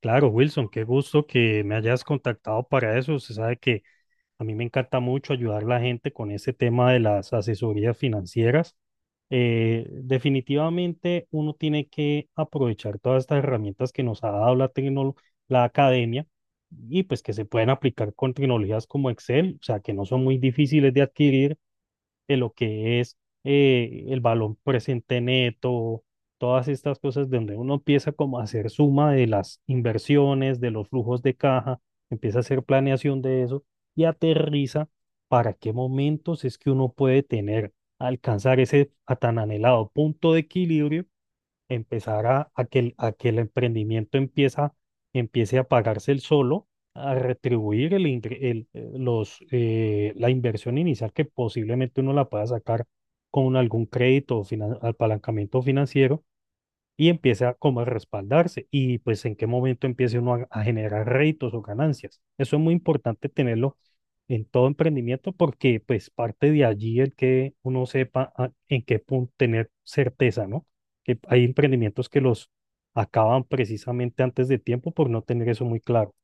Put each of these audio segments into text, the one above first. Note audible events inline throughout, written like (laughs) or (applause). Claro, Wilson, qué gusto que me hayas contactado para eso. Usted sabe que a mí me encanta mucho ayudar a la gente con ese tema de las asesorías financieras. Definitivamente uno tiene que aprovechar todas estas herramientas que nos ha dado la la academia y pues que se pueden aplicar con tecnologías como Excel, o sea, que no son muy difíciles de adquirir de lo que es el balón presente neto, todas estas cosas donde uno empieza como a hacer suma de las inversiones, de los flujos de caja, empieza a hacer planeación de eso y aterriza para qué momentos es que uno puede tener, alcanzar ese a tan anhelado punto de equilibrio, empezar a que, a que el emprendimiento empiece a pagarse el solo, a retribuir el, ingre- el, los, la inversión inicial que posiblemente uno la pueda sacar con algún crédito o apalancamiento financiero y empiece a como a respaldarse y pues en qué momento empiece uno a generar réditos o ganancias. Eso es muy importante tenerlo en todo emprendimiento porque pues parte de allí el que uno sepa en qué punto tener certeza, ¿no? Que hay emprendimientos que los acaban precisamente antes de tiempo por no tener eso muy claro.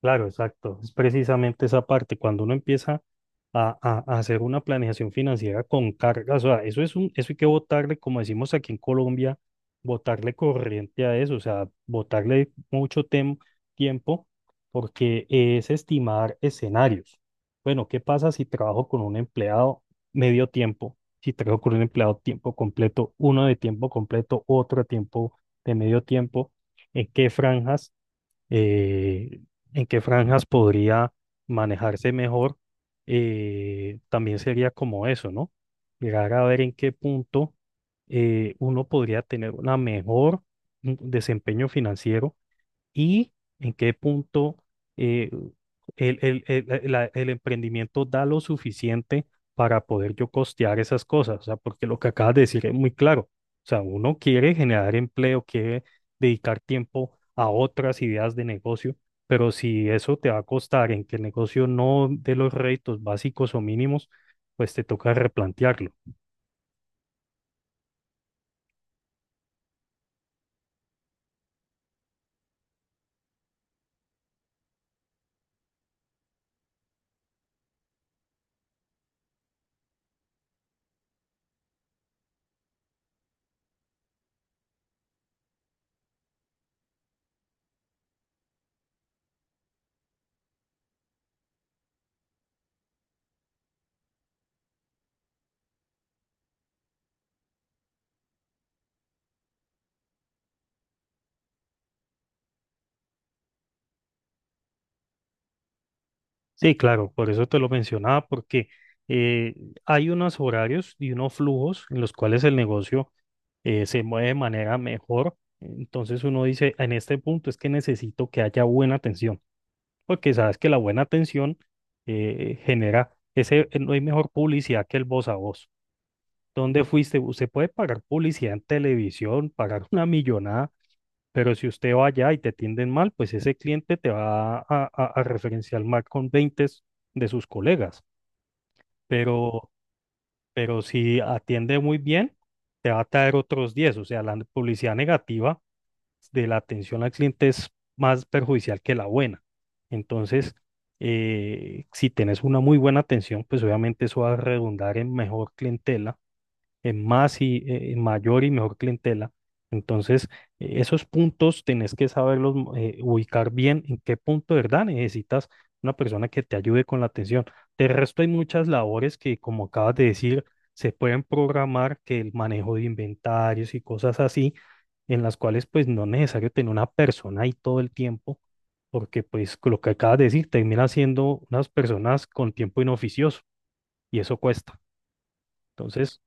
Claro, exacto. Es precisamente esa parte, cuando uno empieza a hacer una planeación financiera con carga, o sea, eso es eso hay que botarle, como decimos aquí en Colombia, botarle corriente a eso, o sea, botarle mucho tiempo, porque es estimar escenarios. Bueno, ¿qué pasa si trabajo con un empleado medio tiempo? Si trabajo con un empleado tiempo completo, uno de tiempo completo, otro a tiempo de medio tiempo, ¿en qué franjas? eh, en qué franjas podría manejarse mejor, también sería como eso, ¿no? Llegar a ver en qué punto uno podría tener una mejor desempeño financiero y en qué punto eh, el emprendimiento da lo suficiente para poder yo costear esas cosas. O sea, porque lo que acabas de decir es muy claro. O sea, uno quiere generar empleo, quiere dedicar tiempo a otras ideas de negocio, pero si eso te va a costar en que el negocio no dé los réditos básicos o mínimos, pues te toca replantearlo. Sí, claro, por eso te lo mencionaba, porque eh, hay unos horarios y unos flujos en los cuales el negocio se mueve de manera mejor. Entonces uno dice, en este punto es que necesito que haya buena atención, porque sabes que la buena atención genera no hay mejor publicidad que el voz a voz. ¿Dónde fuiste? Usted puede pagar publicidad en televisión, pagar una millonada, pero si usted va allá y te atienden mal, pues ese cliente te va a referenciar mal con 20 de sus colegas. Pero, pero si atiende muy bien, te va a traer otros 10. O sea, la publicidad negativa de la atención al cliente es más perjudicial que la buena. Entonces, si tenés una muy buena atención, pues obviamente eso va a redundar en mejor clientela, en más y en mayor y mejor clientela. Entonces, esos puntos tenés que saberlos ubicar bien en qué punto de verdad necesitas una persona que te ayude con la atención. De resto, hay muchas labores que, como acabas de decir, se pueden programar, que el manejo de inventarios y cosas así, en las cuales pues no es necesario tener una persona ahí todo el tiempo, porque pues con lo que acabas de decir termina siendo unas personas con tiempo inoficioso y eso cuesta. Entonces,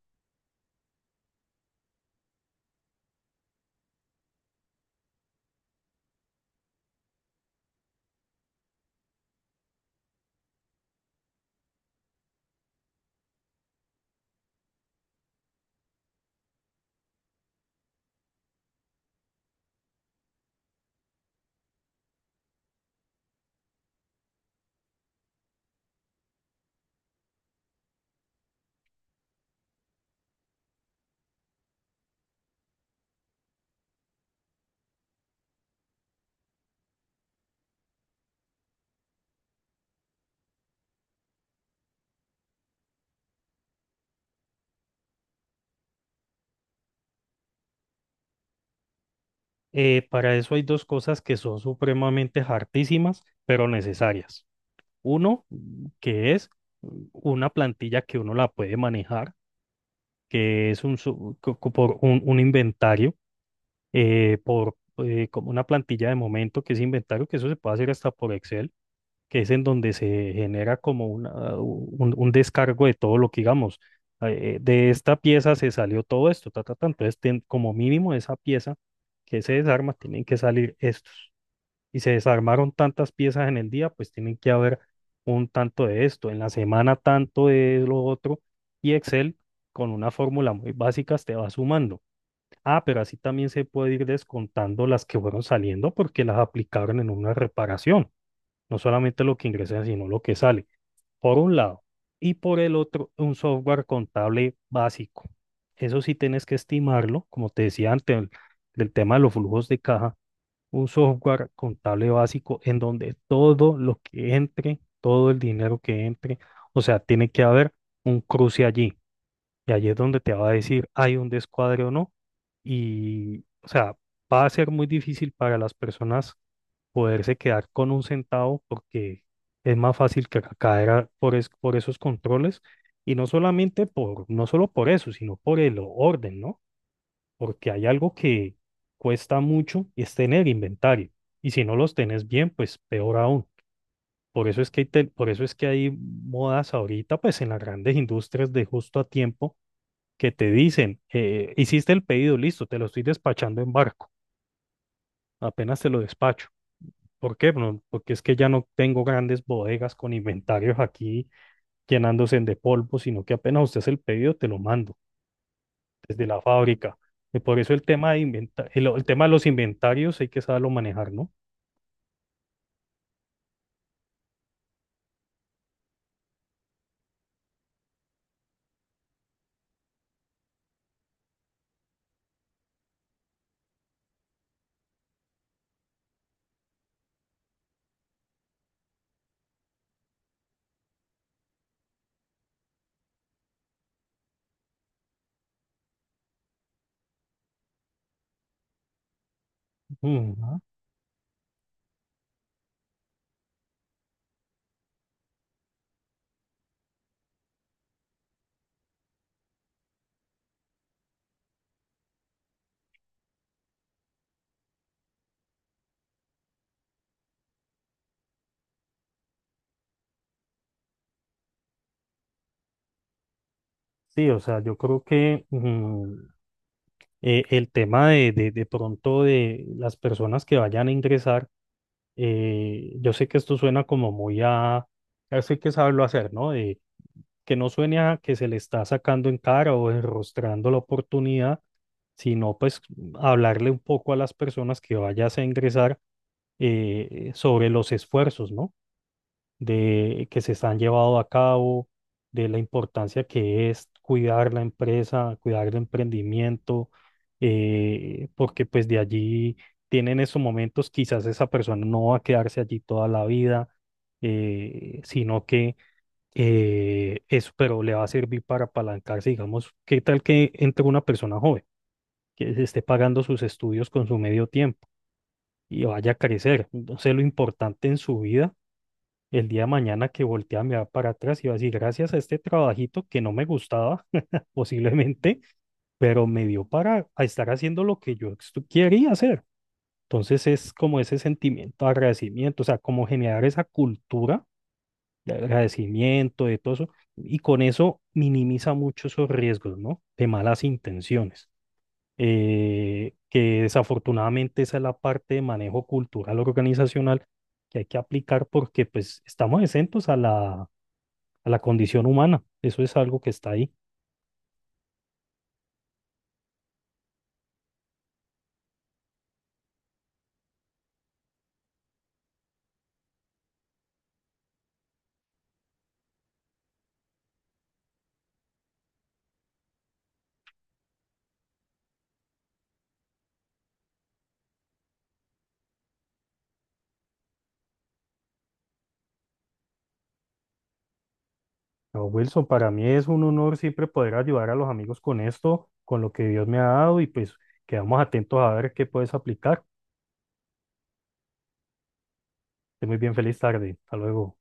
Para eso hay dos cosas que son supremamente hartísimas, pero necesarias. Uno, que es una plantilla que uno la puede manejar, que es un, su- co- co- por un inventario, por como una plantilla de momento, que es inventario, que eso se puede hacer hasta por Excel, que es en donde se genera como un descargo de todo lo que digamos. De esta pieza se salió todo esto, ta, ta, ta. Entonces, como mínimo, de esa pieza que se desarma, tienen que salir estos, y se desarmaron tantas piezas en el día, pues tienen que haber un tanto de esto, en la semana tanto de lo otro, y Excel con una fórmula muy básica te va sumando. Ah, pero así también se puede ir descontando las que fueron saliendo porque las aplicaron en una reparación, no solamente lo que ingresa, sino lo que sale, por un lado, y por el otro, un software contable básico. Eso sí tienes que estimarlo, como te decía antes, del tema de los flujos de caja, un software contable básico en donde todo lo que entre, todo el dinero que entre, o sea, tiene que haber un cruce allí. Y allí es donde te va a decir hay un descuadre o no. Y, o sea, va a ser muy difícil para las personas poderse quedar con un centavo, porque es más fácil que caer por esos controles. Y no solamente no solo por eso, sino por el orden, ¿no? Porque hay algo que cuesta mucho y es tener inventario. Y si no los tenés bien, pues peor aún. Por eso es que hay, por eso es que hay modas ahorita, pues en las grandes industrias, de justo a tiempo, que te dicen, hiciste el pedido, listo, te lo estoy despachando en barco, apenas te lo despacho. ¿Por qué? Bueno, porque es que ya no tengo grandes bodegas con inventarios aquí llenándose de polvo, sino que apenas usted hace el pedido, te lo mando desde la fábrica. Y por eso el tema de inventa- el tema de los inventarios hay que saberlo manejar, ¿no? Ujú. Sí, o sea, yo creo que el tema de pronto de las personas que vayan a ingresar, yo sé que esto suena como muy a, eso hay que saberlo hacer, ¿no? De, que no suene a que se le está sacando en cara o enrostrando la oportunidad, sino pues hablarle un poco a las personas que vayas a ingresar sobre los esfuerzos, ¿no? De que se están llevando a cabo, de la importancia que es cuidar la empresa, cuidar el emprendimiento, porque pues de allí tienen esos momentos, quizás esa persona no va a quedarse allí toda la vida, sino que eso, pero le va a servir para apalancarse, digamos. ¿Qué tal que entre una persona joven que se esté pagando sus estudios con su medio tiempo y vaya a crecer? Entonces, lo importante en su vida el día de mañana, que voltea a mirar para atrás y va a decir, gracias a este trabajito que no me gustaba, (laughs) posiblemente, pero me dio para a estar haciendo lo que yo quería hacer. Entonces es como ese sentimiento de agradecimiento, o sea, como generar esa cultura de agradecimiento, de todo eso, y con eso minimiza mucho esos riesgos, ¿no? De malas intenciones. Que desafortunadamente esa es la parte de manejo cultural organizacional que hay que aplicar, porque pues estamos exentos a la condición humana. Eso es algo que está ahí. No, Wilson, para mí es un honor siempre poder ayudar a los amigos con esto, con lo que Dios me ha dado, y pues quedamos atentos a ver qué puedes aplicar. Estoy muy bien, feliz tarde. Hasta luego.